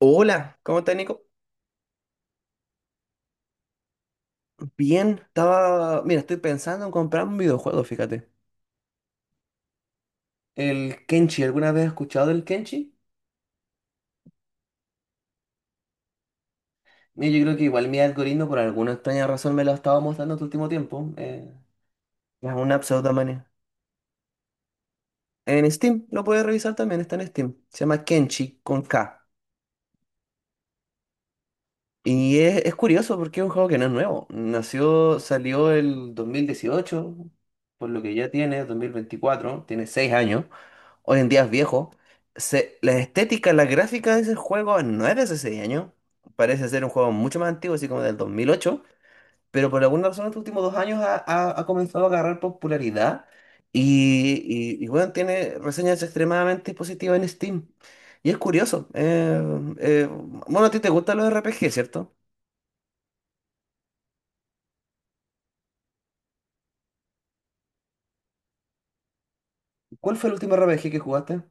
Hola, ¿cómo estás, Nico? Bien, estaba. Mira, estoy pensando en comprar un videojuego, fíjate. El Kenshi, ¿alguna vez has escuchado del Kenshi? Mira, yo creo que igual mi algoritmo, por alguna extraña razón, me lo ha estado mostrando este último tiempo. Es una pseudomanía. En Steam, lo puedes revisar también, está en Steam. Se llama Kenshi con K. Es curioso porque es un juego que no es nuevo. Nació, salió el 2018, por lo que ya tiene, 2024, tiene 6 años. Hoy en día es viejo. La estética, la gráfica de ese juego no era hace 6 años. Parece ser un juego mucho más antiguo, así como del 2008. Pero por alguna razón, en los últimos 2 años ha comenzado a agarrar popularidad. Y bueno, tiene reseñas extremadamente positivas en Steam. Y es curioso. Eh, bueno, a ti te gustan los RPG, ¿cierto? ¿Cuál fue el último RPG que jugaste?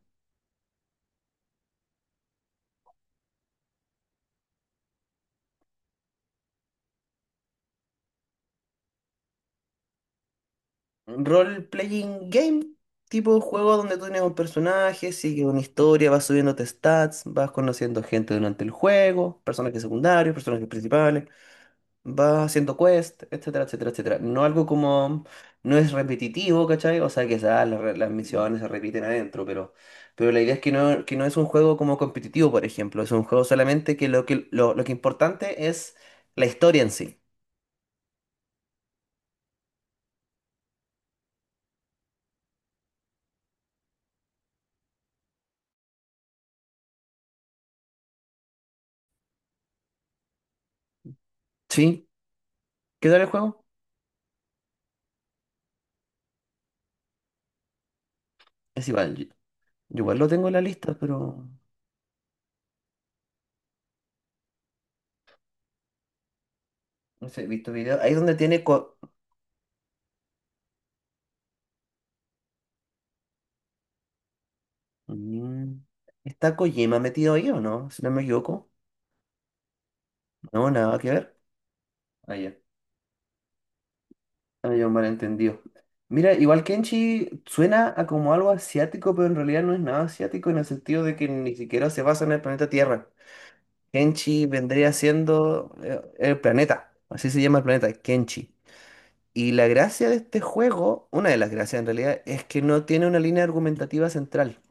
¿Role-playing game? Tipo juego donde tú tienes un personaje, sigue una historia, vas subiéndote stats, vas conociendo gente durante el juego, personajes secundarios, personajes principales, vas haciendo quest, etcétera, etcétera, etcétera. No algo como, no es repetitivo, ¿cachai? O sea, que ah, las misiones se repiten adentro, pero la idea es que no es un juego como competitivo, por ejemplo, es un juego solamente que lo que importante es la historia en sí. ¿Sí? ¿Qué tal el juego? Es igual. Yo igual lo tengo en la lista, pero no sé, he visto videos. Ahí es donde tiene... Mm, ¿está Kojima metido ahí o no? Si no me equivoco. No, nada que ver. Ah, ya. Ah, ya, un malentendido. Mira, igual Kenshi suena a como algo asiático, pero en realidad no es nada asiático en el sentido de que ni siquiera se basa en el planeta Tierra. Kenshi vendría siendo el planeta. Así se llama el planeta, Kenshi. Y la gracia de este juego, una de las gracias en realidad, es que no tiene una línea argumentativa central.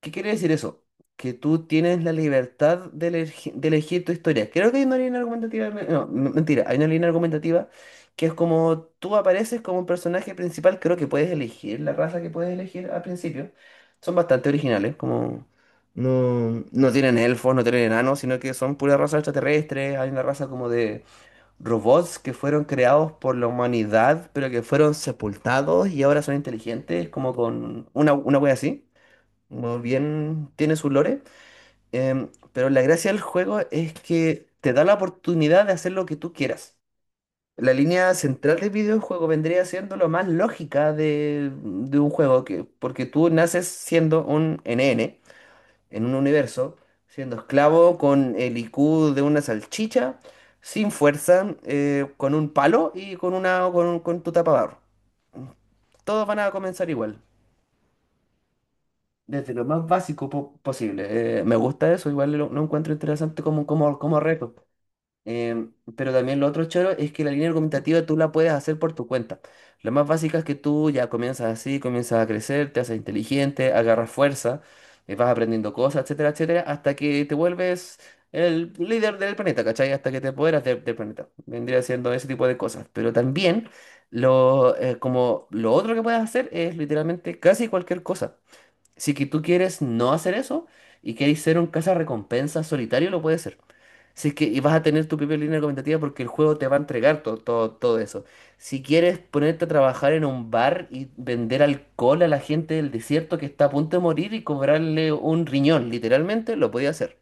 ¿Qué quiere decir eso? Que tú tienes la libertad de, de elegir tu historia. Creo que hay una línea argumentativa. No, mentira, hay una línea argumentativa que es como tú apareces como un personaje principal. Creo que puedes elegir la raza que puedes elegir al principio. Son bastante originales, como. No, no tienen elfos, no tienen enanos, sino que son pura raza extraterrestre. Hay una raza como de robots que fueron creados por la humanidad, pero que fueron sepultados y ahora son inteligentes, como con una wea así. Muy bien, tiene su lore, pero la gracia del juego es que te da la oportunidad de hacer lo que tú quieras. La línea central del videojuego vendría siendo lo más lógica de un juego, que, porque tú naces siendo un NN en un universo, siendo esclavo con el IQ de una salchicha, sin fuerza, con un palo y con tu tapabarro. Todos van a comenzar igual. Desde lo más posible. Me gusta eso, igual lo encuentro interesante como reto. Pero también lo otro choro es que la línea argumentativa tú la puedes hacer por tu cuenta. Lo más básico es que tú ya comienzas así, comienzas a crecer, te haces inteligente, agarras fuerza, vas aprendiendo cosas, etcétera, etcétera, hasta que te vuelves el líder del planeta, ¿cachai? Hasta que te apoderas del del planeta. Vendría siendo ese tipo de cosas. Pero también como lo otro que puedes hacer es literalmente casi cualquier cosa. Si que tú quieres no hacer eso y quieres ser un recompensa solitario, lo puedes ser. Si es que y vas a tener tu propia línea argumentativa porque el juego te va a entregar todo eso. Si quieres ponerte a trabajar en un bar y vender alcohol a la gente del desierto que está a punto de morir y cobrarle un riñón, literalmente, lo podías hacer.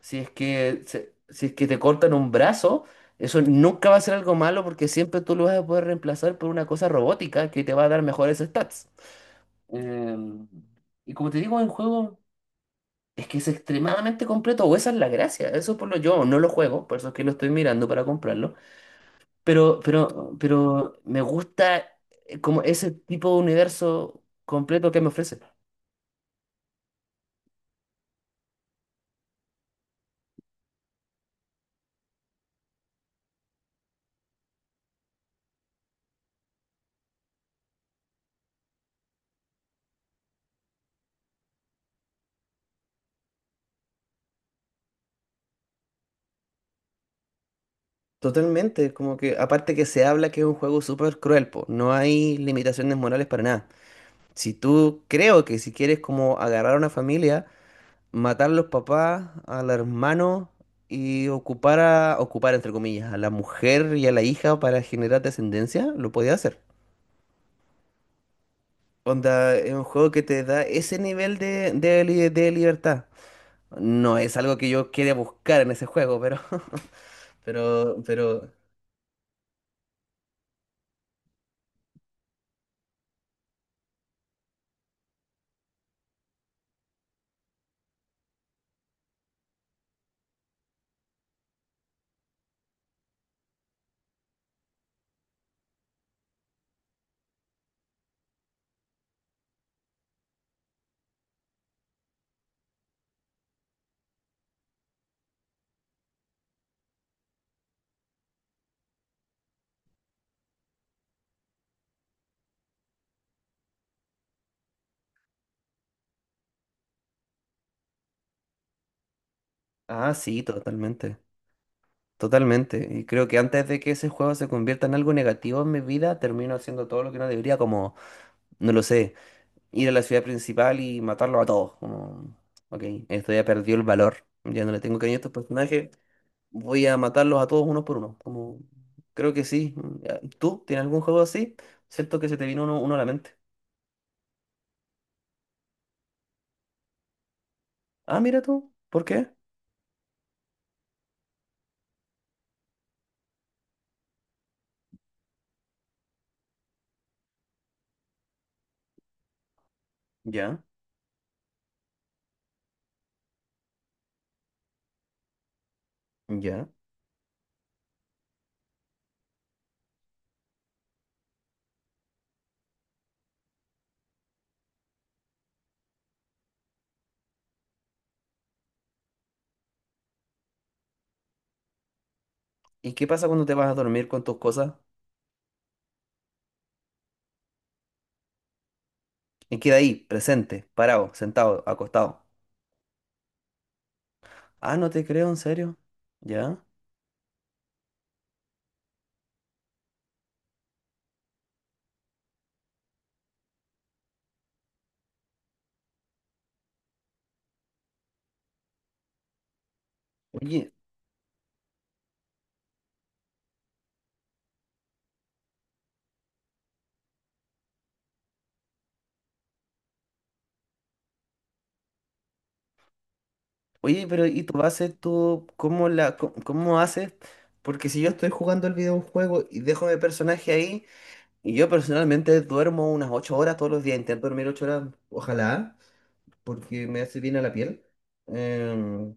Si es que te cortan un brazo, eso nunca va a ser algo malo porque siempre tú lo vas a poder reemplazar por una cosa robótica que te va a dar mejores stats. Em, y como te digo, el juego es que es extremadamente completo, o esa es la gracia. Eso por lo yo no lo juego, por eso es que lo estoy mirando para comprarlo. Pero me gusta como ese tipo de universo completo que me ofrece. Totalmente, como que aparte que se habla que es un juego súper cruel, po, no hay limitaciones morales para nada. Si tú creo que si quieres como agarrar a una familia matar los papás, al hermano y ocupar entre comillas, a la mujer y a la hija para generar descendencia, lo podía hacer. Onda, es un juego que te da ese nivel de libertad. No es algo que yo quiera buscar en ese juego, pero, pero, pero, ah, sí, totalmente, totalmente. Y creo que antes de que ese juego se convierta en algo negativo en mi vida, termino haciendo todo lo que no debería, como, no lo sé. Ir a la ciudad principal y matarlo a todos. Como, ok, esto ya perdió el valor. Ya no le tengo cariño a estos personajes. Voy a matarlos a todos uno por uno. Como, creo que sí. Ya, ¿tú tienes algún juego así? Siento que se te vino uno a la mente. Ah, mira tú. ¿Por qué? Ya, ya. ¿Y qué pasa cuando te vas a dormir con tus cosas? Y queda ahí, presente, parado, sentado, acostado. Ah, no te creo, en serio. Ya. Oye, oye, pero ¿y tu base tú cómo haces? Porque si yo estoy jugando el videojuego y dejo mi personaje ahí, y yo personalmente duermo unas 8 horas todos los días, intento dormir 8 horas, ojalá, porque me hace bien a la piel, em,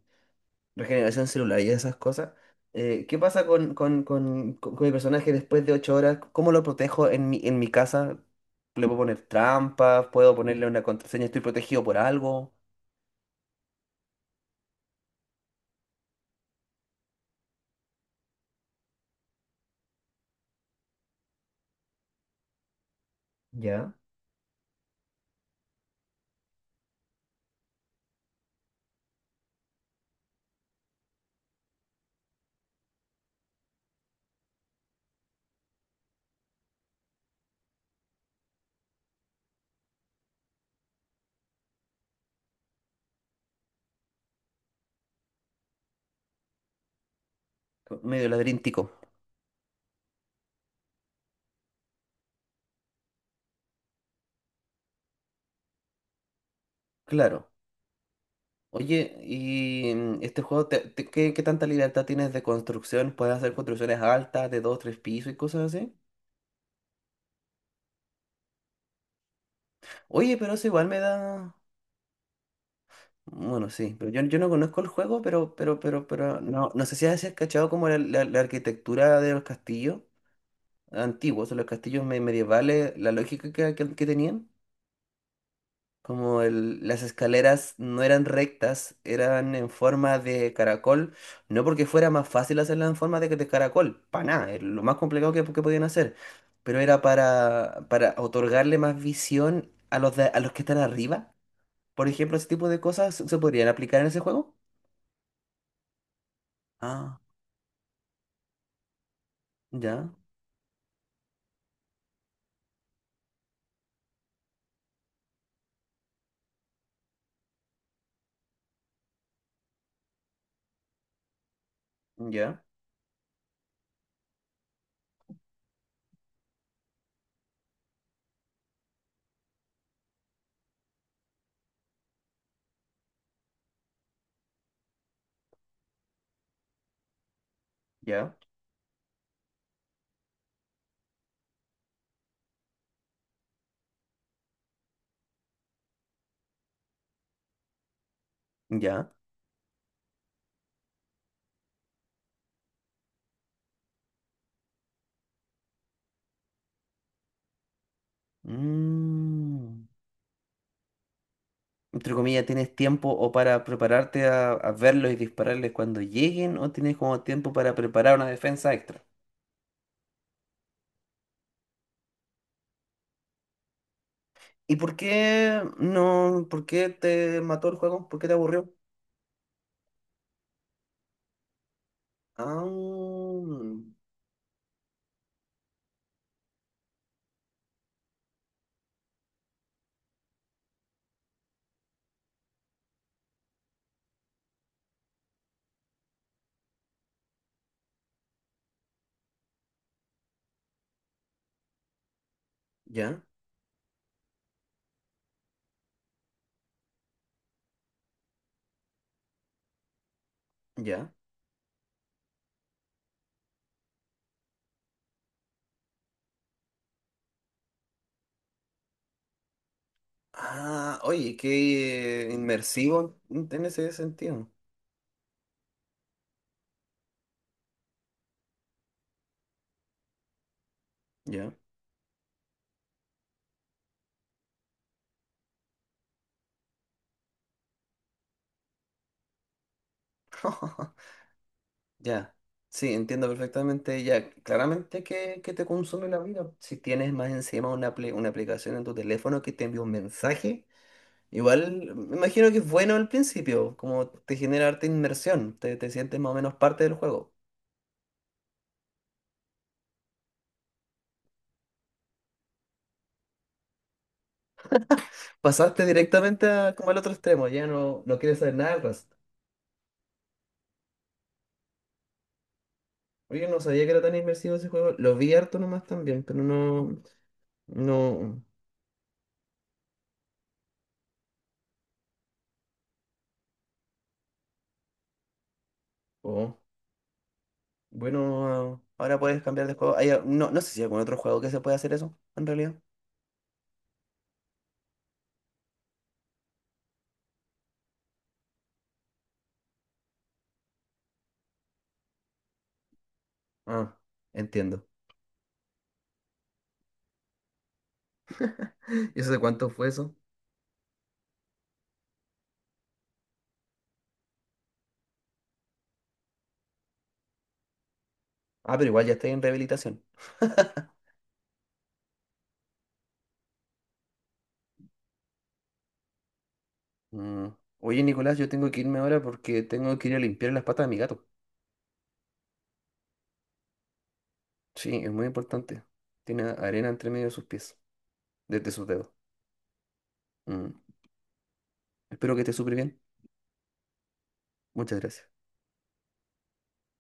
regeneración celular y esas cosas. ¿Qué pasa con mi personaje después de 8 horas? ¿Cómo lo protejo en mi casa? ¿Le puedo poner trampas? ¿Puedo ponerle una contraseña? ¿Estoy protegido por algo? ¿Ya? Medio ladríntico. Claro. Oye, y mm, este juego, ¿qué, qué tanta libertad tienes de construcción? ¿Puedes hacer construcciones altas de dos, tres pisos y cosas así? Oye, pero eso igual me da... Bueno, sí, pero yo no conozco el juego, pero, no, no sé si has cachado como la arquitectura de los castillos antiguos, o los castillos medievales, la lógica que tenían. Como las escaleras no eran rectas, eran en forma de caracol, no porque fuera más fácil hacerlas en forma de caracol, para nada, es lo más complicado que podían hacer, pero era para otorgarle más visión a a los que están arriba. Por ejemplo, ese tipo de cosas se se podrían aplicar en ese juego. Ah, ya, ya, ya, ya. Mm. Entre comillas, tienes tiempo o para prepararte a verlos y dispararles cuando lleguen, o tienes como tiempo para preparar una defensa extra. ¿Y por qué no? ¿Por qué te mató el juego? ¿Por qué te aburrió? Ah, ya, ya. Ah, oye, qué inmersivo en ese sentido. Ya. Ya. Sí, entiendo perfectamente. Ya, claramente que te consume la vida. Si tienes más encima una, una aplicación en tu teléfono que te envía un mensaje. Igual me imagino que es bueno al principio, como te genera harta inmersión, te sientes más o menos parte del juego. Pasaste directamente a, como al otro extremo, ya no, no quieres saber nada del Rust. Oye, no sabía que era tan inmersivo ese juego, lo vi harto nomás también, pero no, no, oh, bueno, ah, ahora puedes cambiar de juego. No, no sé si hay algún otro juego que se pueda hacer eso, en realidad. Ah, entiendo. ¿Y eso de cuánto fue eso? Ah, pero igual ya estoy en rehabilitación. Mm. Oye, Nicolás, yo tengo que irme ahora porque tengo que ir a limpiar las patas de mi gato. Sí, es muy importante. Tiene arena entre medio de sus pies, desde sus dedos. Mm. Espero que esté súper bien. Muchas gracias.